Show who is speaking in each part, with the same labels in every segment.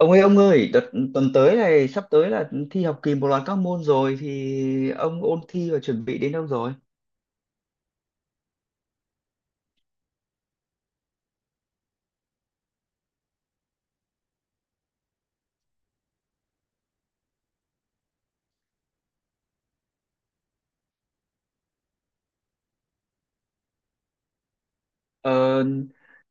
Speaker 1: Ông ơi, đợt tuần tới này sắp tới là thi học kỳ một loạt các môn rồi thì ông ôn thi và chuẩn bị đến đâu rồi? Ờ,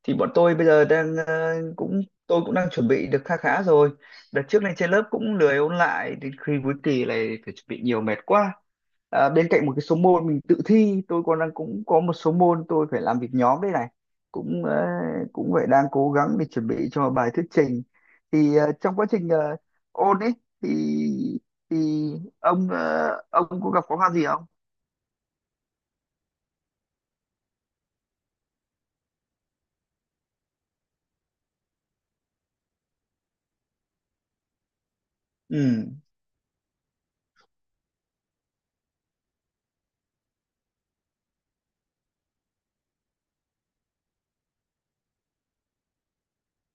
Speaker 1: thì bọn tôi bây giờ đang cũng tôi cũng đang chuẩn bị được kha khá rồi. Đợt trước này trên lớp cũng lười ôn lại đến khi cuối kỳ này phải chuẩn bị nhiều mệt quá. À, bên cạnh một cái số môn mình tự thi, tôi còn đang cũng có một số môn tôi phải làm việc nhóm đây này. Cũng cũng phải đang cố gắng để chuẩn bị cho bài thuyết trình. Thì trong quá trình ôn ấy thì thì ông ông có gặp khó khăn gì không? Ừ.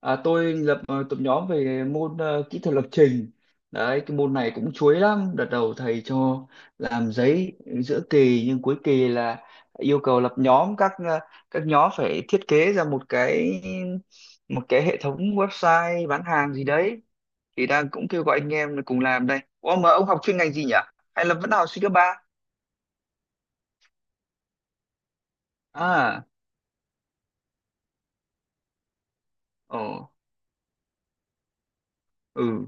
Speaker 1: À, tôi lập tập nhóm về môn kỹ thuật lập trình. Đấy, cái môn này cũng chuối lắm. Đợt đầu thầy cho làm giấy giữa kỳ nhưng cuối kỳ là yêu cầu lập nhóm các các nhóm phải thiết kế ra một cái hệ thống website bán hàng gì đấy. Thì đang cũng kêu gọi anh em là cùng làm đây. Ủa mà ông học chuyên ngành gì nhỉ? Hay là vẫn học sinh cấp ba? À, ồ, ừ.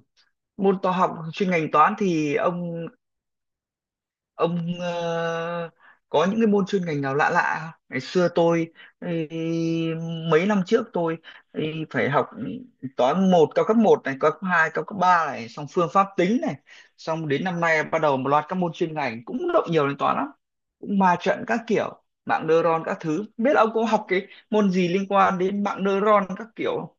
Speaker 1: Môn toán học chuyên ngành toán thì ông có những cái môn chuyên ngành nào lạ lạ không? Ngày xưa tôi ấy, mấy năm trước tôi ấy, phải học toán một cao cấp một này cao cấp 2 cao cấp 3 này xong phương pháp tính này xong đến năm nay bắt đầu một loạt các môn chuyên ngành cũng động nhiều đến toán lắm cũng ma trận các kiểu mạng neuron các thứ. Không biết ông có học cái môn gì liên quan đến mạng neuron các kiểu không?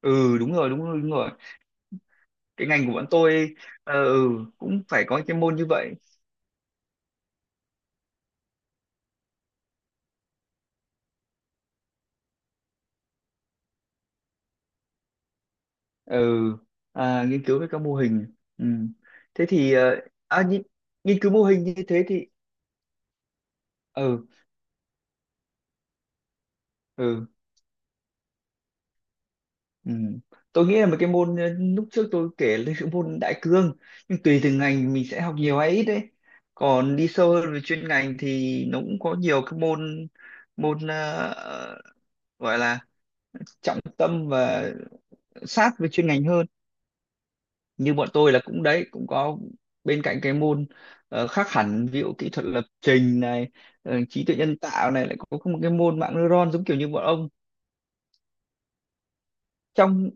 Speaker 1: Ừ đúng rồi đúng rồi đúng rồi cái ngành của bọn tôi ừ, cũng phải có cái môn như vậy. Ừ à, nghiên cứu về các mô hình. Ừ. Thế thì à, nghiên, nghiên cứu mô hình như thế thì ừ ừ ừ tôi nghĩ là một cái môn lúc trước tôi kể là cái môn đại cương nhưng tùy từng ngành mình sẽ học nhiều hay ít đấy còn đi sâu hơn về chuyên ngành thì nó cũng có nhiều cái môn môn ờ, gọi là trọng tâm và sát với chuyên ngành hơn như bọn tôi là cũng đấy cũng có bên cạnh cái môn khác hẳn ví dụ kỹ thuật lập trình này, trí tuệ nhân tạo này lại có một cái môn mạng neuron giống kiểu như bọn ông trong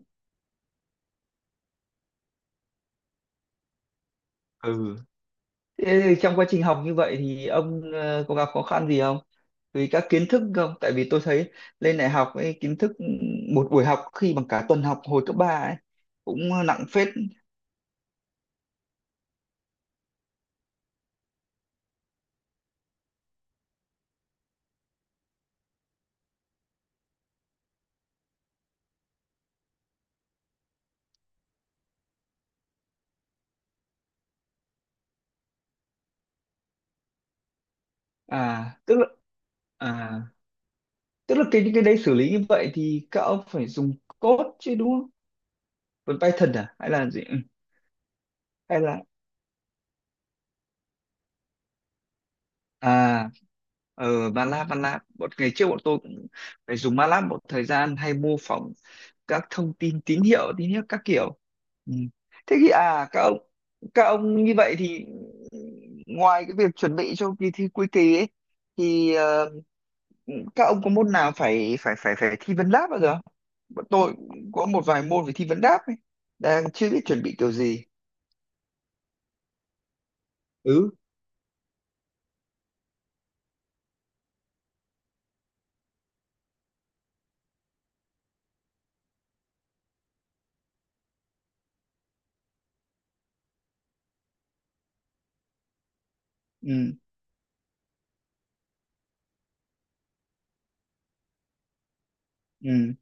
Speaker 1: ừ. Thế trong quá trình học như vậy thì ông có gặp khó khăn gì không? Vì các kiến thức không? Tại vì tôi thấy lên đại học ấy, kiến thức ừ, một buổi học khi bằng cả tuần học hồi cấp 3 ấy cũng nặng phết. À tức là à tức là cái những cái đấy xử lý như vậy thì các ông phải dùng code chứ đúng? Vẫn Python à? Hay là gì? Ừ, hay là à ờ MATLAB MATLAB. Bọn ngày trước bọn tôi cũng phải dùng MATLAB một thời gian hay mô phỏng các thông tin tín hiệu các kiểu. Ừ. Thế thì à các ông như vậy thì ngoài cái việc chuẩn bị cho kỳ thi cuối kỳ ấy thì các ông có môn nào phải phải phải phải thi vấn đáp bao giờ không? Bọn tôi cũng có một vài môn phải thi vấn đáp ấy. Đang chưa biết chuẩn bị kiểu gì. Ừ. Ừ. Ừ.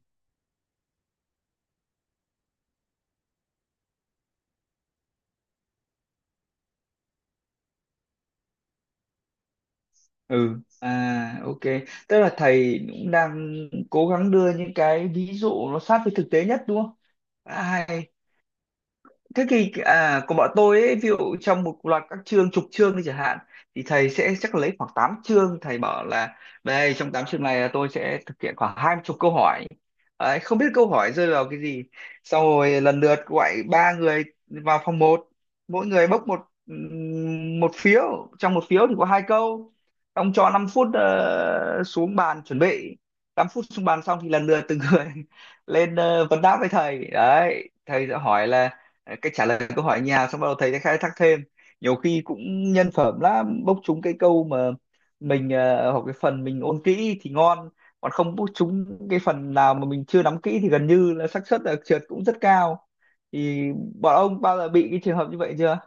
Speaker 1: Ừ à ok tức là thầy cũng đang cố gắng đưa những cái ví dụ nó sát với thực tế nhất đúng không? À, hay thế thì à, của bọn tôi ấy, ví dụ trong một loạt các chương chục chương đi chẳng hạn thì thầy sẽ chắc lấy khoảng 8 chương thầy bảo là đây trong 8 chương này là tôi sẽ thực hiện khoảng 20 chục câu hỏi. Đấy, không biết câu hỏi rơi vào cái gì xong rồi lần lượt gọi ba người vào phòng một mỗi người bốc một một phiếu trong một phiếu thì có hai câu ông cho 5 phút xuống bàn chuẩn bị 5 phút xuống bàn xong thì lần lượt từng người lên vấn đáp với thầy đấy thầy sẽ hỏi là cái trả lời câu hỏi nhà xong bắt đầu thầy sẽ khai thác thêm nhiều khi cũng nhân phẩm lắm bốc trúng cái câu mà mình hoặc cái phần mình ôn kỹ thì ngon còn không bốc trúng cái phần nào mà mình chưa nắm kỹ thì gần như là xác suất là trượt cũng rất cao thì bọn ông bao giờ bị cái trường hợp như vậy chưa?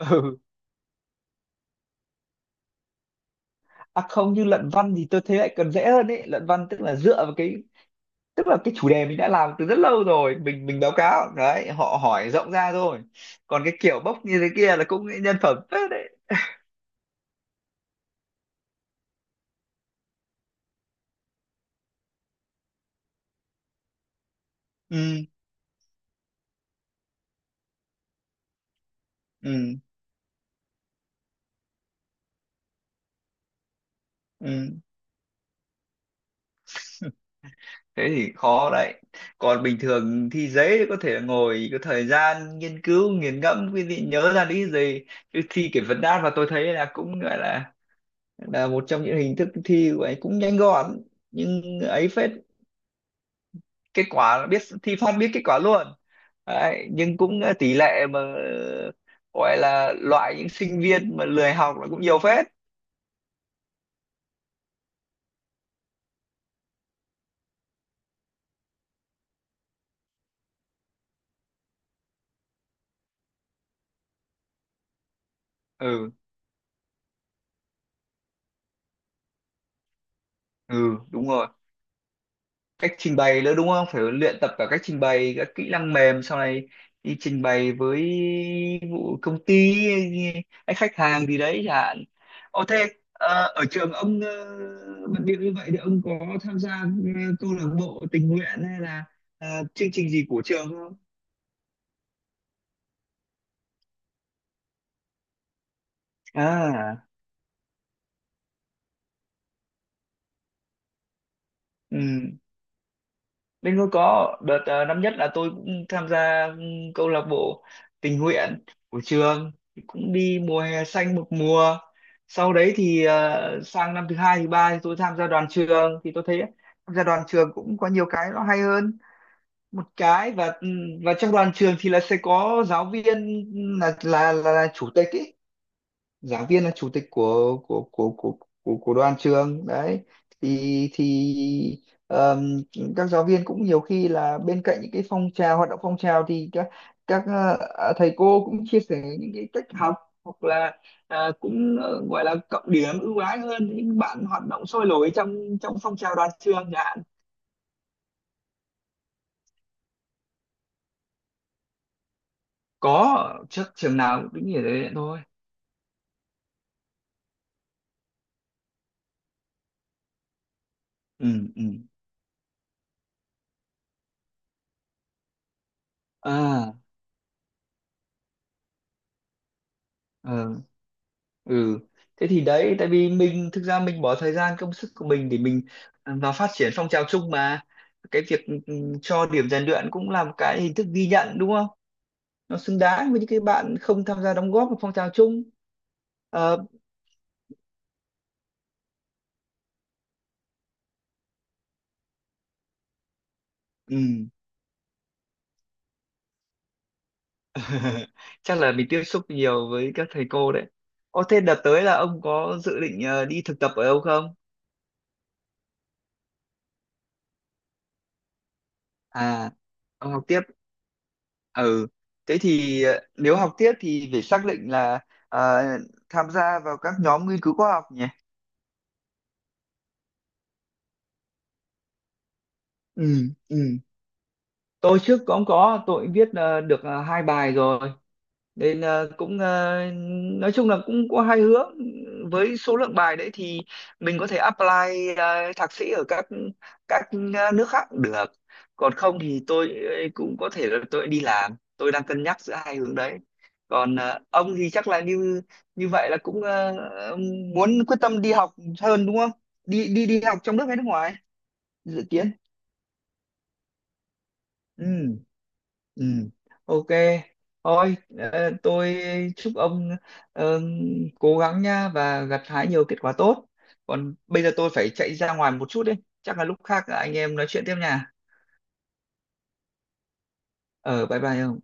Speaker 1: Ừ. À không như luận văn thì tôi thấy lại còn dễ hơn ấy luận văn tức là dựa vào cái tức là cái chủ đề mình đã làm từ rất lâu rồi mình báo cáo đấy họ hỏi rộng ra thôi còn cái kiểu bốc như thế kia là cũng nhân phẩm phết đấy. Ừ ừ ừ thế thì khó đấy còn bình thường thi giấy thì có thể là ngồi có thời gian nghiên cứu nghiền ngẫm quý vị nhớ ra lý gì chứ thi kiểu vấn đáp mà tôi thấy là cũng gọi là một trong những hình thức thi của ấy cũng nhanh gọn nhưng ấy phết kết quả là biết thi phát biết kết quả luôn đấy, nhưng cũng tỷ lệ mà gọi là loại những sinh viên mà lười học là cũng nhiều phết. Ừ ừ đúng rồi cách trình bày nữa đúng không phải luyện tập cả cách trình bày các kỹ năng mềm sau này đi trình bày với vụ công ty hay khách hàng gì đấy chẳng hạn. Ô thế ở trường ông bận bịu như vậy thì ông có tham gia câu lạc bộ tình nguyện hay là ờ, chương trình gì của trường không? À ừ. Bên tôi có đợt năm nhất là tôi cũng tham gia câu lạc bộ tình nguyện của trường. Thì cũng đi mùa hè xanh một mùa sau đấy thì sang năm thứ hai thứ ba thì tôi tham gia đoàn trường thì tôi thấy tham gia đoàn trường cũng có nhiều cái nó hay hơn một cái và trong đoàn trường thì là sẽ có giáo viên là chủ tịch ý giảng viên là chủ tịch của đoàn trường đấy thì thì ờm, các giáo viên cũng nhiều khi là bên cạnh những cái phong trào hoạt động phong trào thì các thầy cô cũng chia sẻ những cái cách học hoặc là cũng gọi là cộng điểm ưu ái hơn những bạn hoạt động sôi nổi trong trong phong trào đoàn trường chẳng hạn. Có trước trường nào cũng tính như thế thôi. Ừ ừ à ờ. Ừ thế thì đấy tại vì mình thực ra mình bỏ thời gian công sức của mình để mình vào phát triển phong trào chung mà cái việc cho điểm rèn luyện cũng là một cái hình thức ghi nhận đúng không? Nó xứng đáng với những cái bạn không tham gia đóng góp vào phong trào chung. Ờ, ừ. Chắc là mình tiếp xúc nhiều với các thầy cô đấy. Ô, thế đợt tới là ông có dự định đi thực tập ở đâu không? À, ông học tiếp ừ thế thì nếu học tiếp thì phải xác định là ờ, tham gia vào các nhóm nghiên cứu khoa học nhỉ. Ừ ừ tôi trước cũng có tôi cũng viết được hai bài rồi nên cũng nói chung là cũng có hai hướng với số lượng bài đấy thì mình có thể apply thạc sĩ ở các các nước khác cũng được còn không thì tôi cũng có thể là tôi đi làm tôi đang cân nhắc giữa hai hướng đấy còn ông thì chắc là như như vậy là cũng muốn quyết tâm đi học hơn đúng không đi đi đi học trong nước hay nước ngoài dự kiến ừ. Ừ, ok. Thôi, tôi chúc ông ờ, cố gắng nha và gặt hái nhiều kết quả tốt. Còn bây giờ tôi phải chạy ra ngoài một chút đấy. Chắc là lúc khác anh em nói chuyện tiếp nha. Ờ, bye bye ông.